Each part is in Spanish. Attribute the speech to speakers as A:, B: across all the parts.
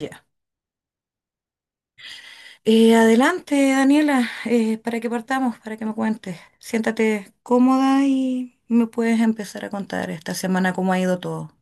A: Ya. Adelante, Daniela, para que partamos, para que me cuentes. Siéntate cómoda y me puedes empezar a contar esta semana cómo ha ido todo.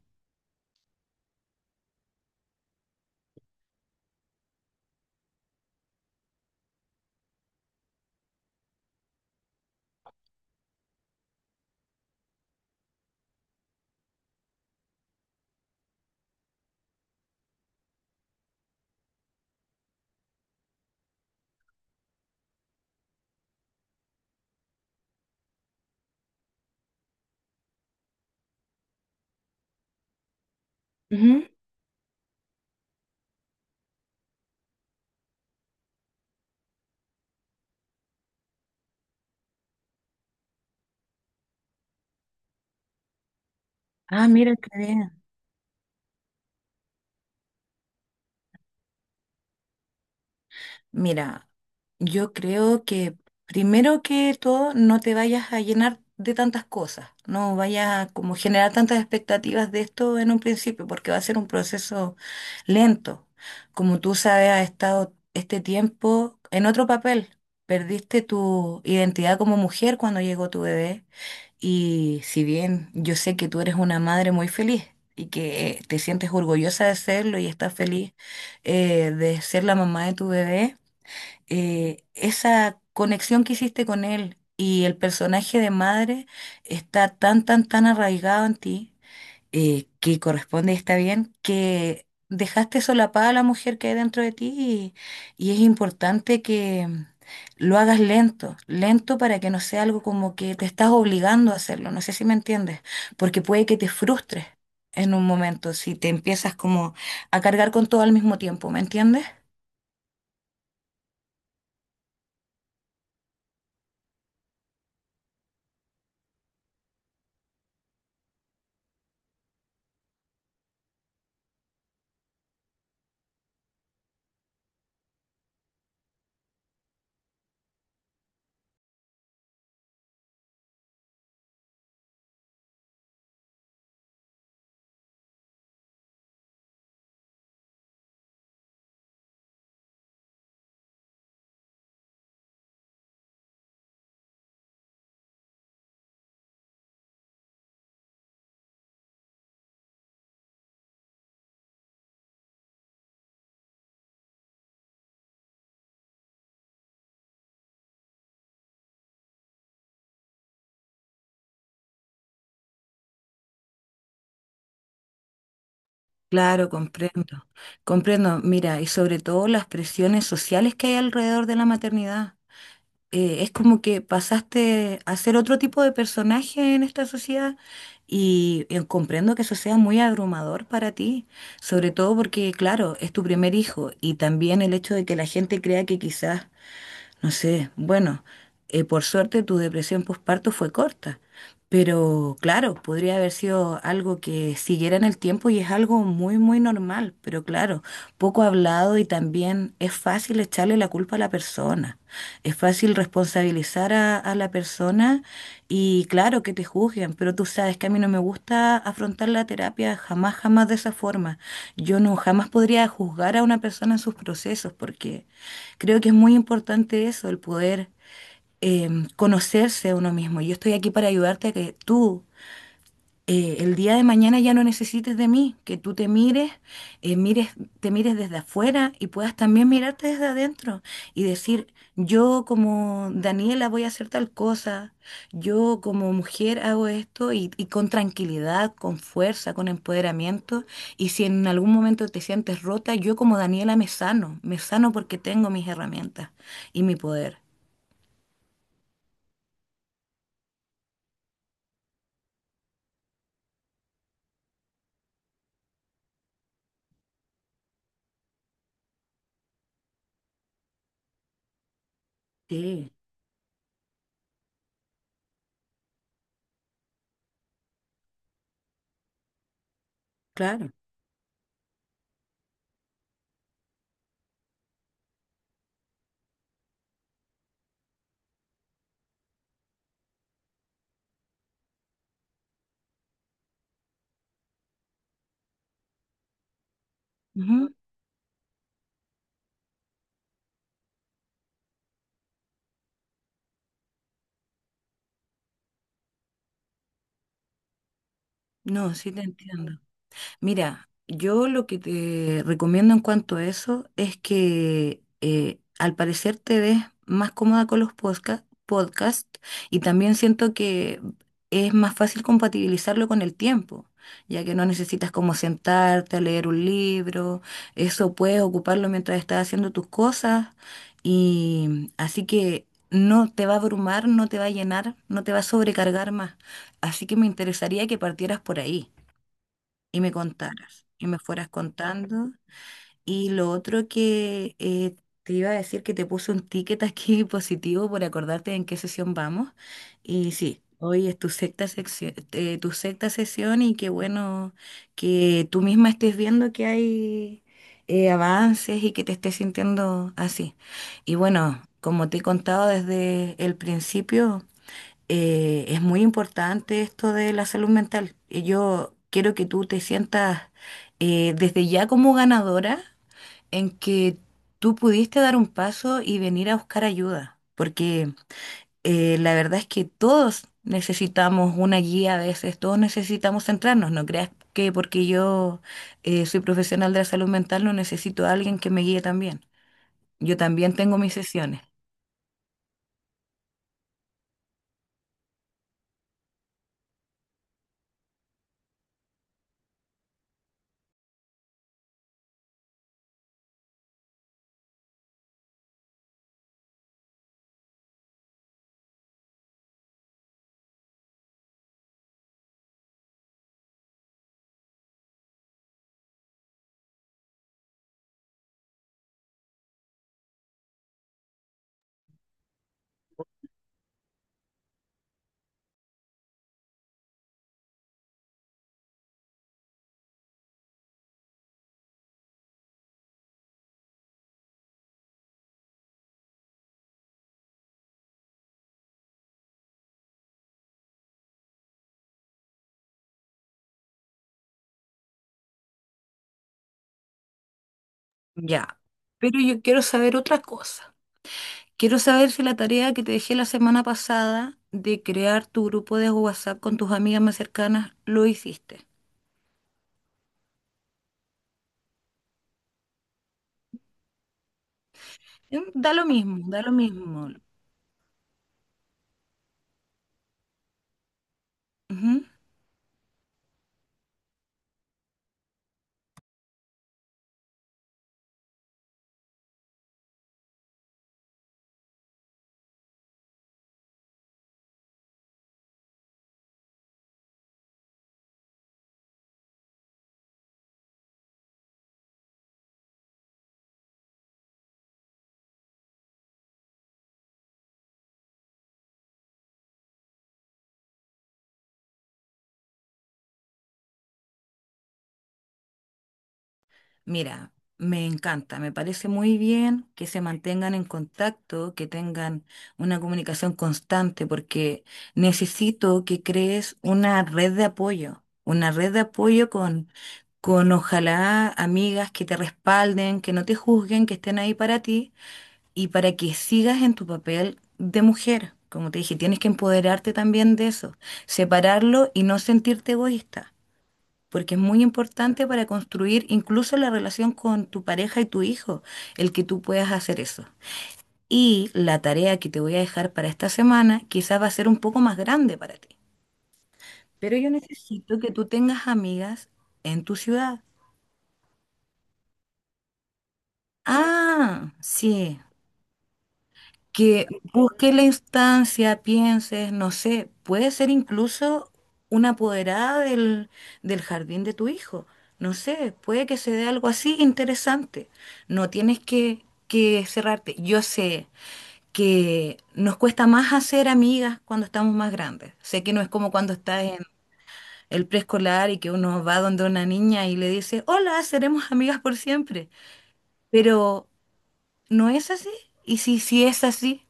A: Ujú. Ah, mira, qué bien. Mira, yo creo que primero que todo no te vayas a llenar de tantas cosas, no vayas a como generar tantas expectativas de esto en un principio, porque va a ser un proceso lento. Como tú sabes, has estado este tiempo en otro papel. Perdiste tu identidad como mujer cuando llegó tu bebé y si bien yo sé que tú eres una madre muy feliz y que te sientes orgullosa de serlo y estás feliz, de ser la mamá de tu bebé. Esa conexión que hiciste con él y el personaje de madre está tan, tan, tan arraigado en ti, que corresponde, y está bien, que dejaste solapada a la mujer que hay dentro de ti. Y es importante que lo hagas lento, lento, para que no sea algo como que te estás obligando a hacerlo, no sé si me entiendes, porque puede que te frustres en un momento, si te empiezas como a cargar con todo al mismo tiempo, ¿me entiendes? Claro, comprendo, comprendo. Mira, y sobre todo las presiones sociales que hay alrededor de la maternidad. Es como que pasaste a ser otro tipo de personaje en esta sociedad y, comprendo que eso sea muy abrumador para ti, sobre todo porque, claro, es tu primer hijo, y también el hecho de que la gente crea que quizás no sé, bueno, por suerte tu depresión postparto fue corta, pero claro, podría haber sido algo que siguiera en el tiempo, y es algo muy, muy normal, pero claro, poco hablado, y también es fácil echarle la culpa a la persona, es fácil responsabilizar a la persona, y claro que te juzguen, pero tú sabes que a mí no me gusta afrontar la terapia jamás, jamás de esa forma. Yo no jamás podría juzgar a una persona en sus procesos porque... Creo que es muy importante eso, el poder eh, conocerse a uno mismo. Yo estoy aquí para ayudarte a que tú, el día de mañana, ya no necesites de mí, que tú te mires, eh, mires, te mires desde afuera y puedas también mirarte desde adentro y decir, yo como Daniela voy a hacer tal cosa, yo como mujer hago esto, y con tranquilidad, con fuerza, con empoderamiento. Y si en algún momento te sientes rota, yo como Daniela me sano, me sano, porque tengo mis herramientas y mi poder. Sí, claro. Ujú. No, sí te entiendo. Mira, yo lo que te recomiendo en cuanto a eso es que, al parecer te ves más cómoda con los podcast, y también siento que es más fácil compatibilizarlo con el tiempo, ya que no necesitas como sentarte a leer un libro, eso puedes ocuparlo mientras estás haciendo tus cosas, y así que no te va a abrumar, no te va a llenar, no te va a sobrecargar más. Así que me interesaría que partieras por ahí y me contaras, y me fueras contando. Y lo otro que, te iba a decir, que te puse un ticket aquí positivo por acordarte en qué sesión vamos. Y sí, hoy es tu tu sexta sesión, y qué bueno que tú misma estés viendo que hay avances y que te estés sintiendo así. Y bueno, como te he contado desde el principio, es muy importante esto de la salud mental. Y yo quiero que tú te sientas desde ya como ganadora, en que tú pudiste dar un paso y venir a buscar ayuda, porque la verdad es que todos necesitamos una guía a veces, todos necesitamos centrarnos, no creas que porque yo soy profesional de la salud mental no necesito a alguien que me guíe también. Yo también tengo mis sesiones, ya. Pero yo quiero saber otra cosa. Quiero saber si la tarea que te dejé la semana pasada de crear tu grupo de WhatsApp con tus amigas más cercanas lo hiciste. Mm. Da lo mismo, da lo mismo. Ujú. Mira, me encanta, me parece muy bien que se mantengan en contacto, que tengan una comunicación constante, porque necesito que crees una red de apoyo, una red de apoyo con ojalá amigas que te respalden, que no te juzguen, que estén ahí para ti y para que sigas en tu papel de mujer. Como te dije, tienes que empoderarte también de eso, separarlo y no sentirte egoísta, porque es muy importante para construir incluso la relación con tu pareja y tu hijo, el que tú puedas hacer eso. Y la tarea que te voy a dejar para esta semana quizás va a ser un poco más grande para ti, pero yo necesito que tú tengas amigas en tu ciudad. Ah, sí. Que busque la instancia, pienses, no sé, puede ser incluso una apoderada del, del jardín de tu hijo. No sé, puede que se dé algo así interesante. No tienes que cerrarte. Yo sé que nos cuesta más hacer amigas cuando estamos más grandes. Sé que no es como cuando estás en el preescolar y que uno va donde una niña y le dice, hola, seremos amigas por siempre. Pero no es así. Y si, si es así,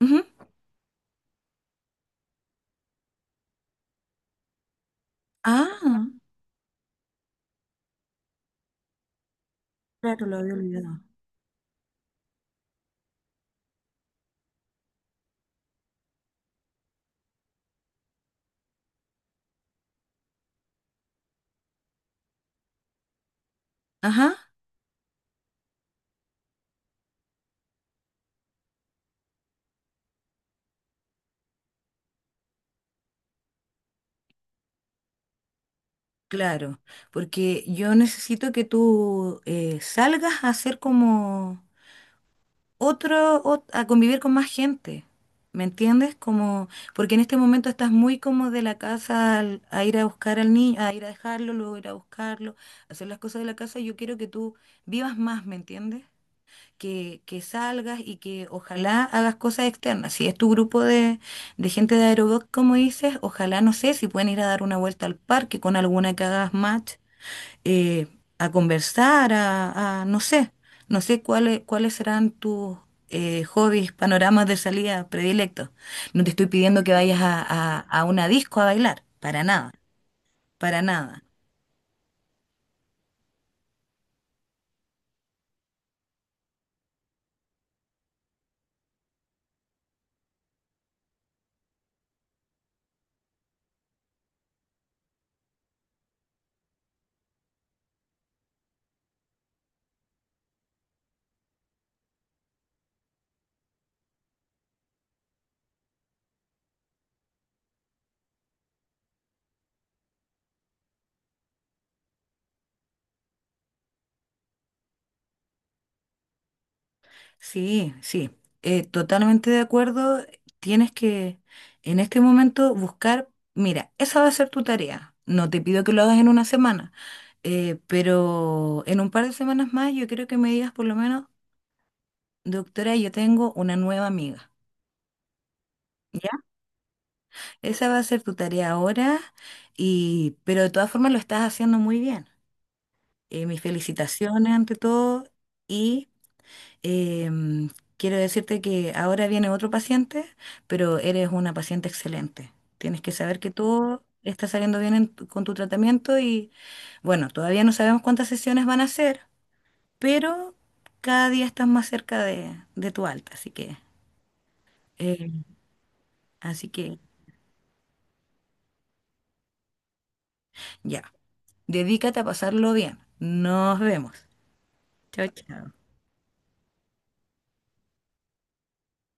A: ujú. Ah. Claro, lo había olvidado. Ajá, claro, porque yo necesito que tú, salgas a hacer como a convivir con más gente, ¿me entiendes? Como, porque en este momento estás muy como de la casa a ir a buscar al niño, a ir a dejarlo, luego ir a buscarlo, hacer las cosas de la casa, y yo quiero que tú vivas más, ¿me entiendes? Que salgas y que ojalá hagas cosas externas. Si es tu grupo de gente de aerobic, como dices, ojalá, no sé, si pueden ir a dar una vuelta al parque con alguna que hagas match, eh, a conversar, no sé, no sé cuáles, cuáles serán tus hobbies, panoramas de salida predilectos. No te estoy pidiendo que vayas a, a una disco a bailar, para nada, para nada. Sí, sí, totalmente de acuerdo. Tienes que en este momento buscar, mira, esa va a ser tu tarea. No te pido que lo hagas en una semana, pero en un par de semanas más yo creo que me digas por lo menos, doctora, yo tengo una nueva amiga. ¿Ya? Esa va a ser tu tarea ahora, y, pero de todas formas lo estás haciendo muy bien. Mis felicitaciones ante todo, y Em, quiero decirte que ahora viene otro paciente, pero eres una paciente excelente. Tienes que saber que todo está saliendo bien en con tu tratamiento, y bueno, todavía no sabemos cuántas sesiones van a ser, pero cada día estás más cerca de tu alta, así que, eh, así que ya, dedícate a pasarlo bien. Nos vemos. Chao, chao.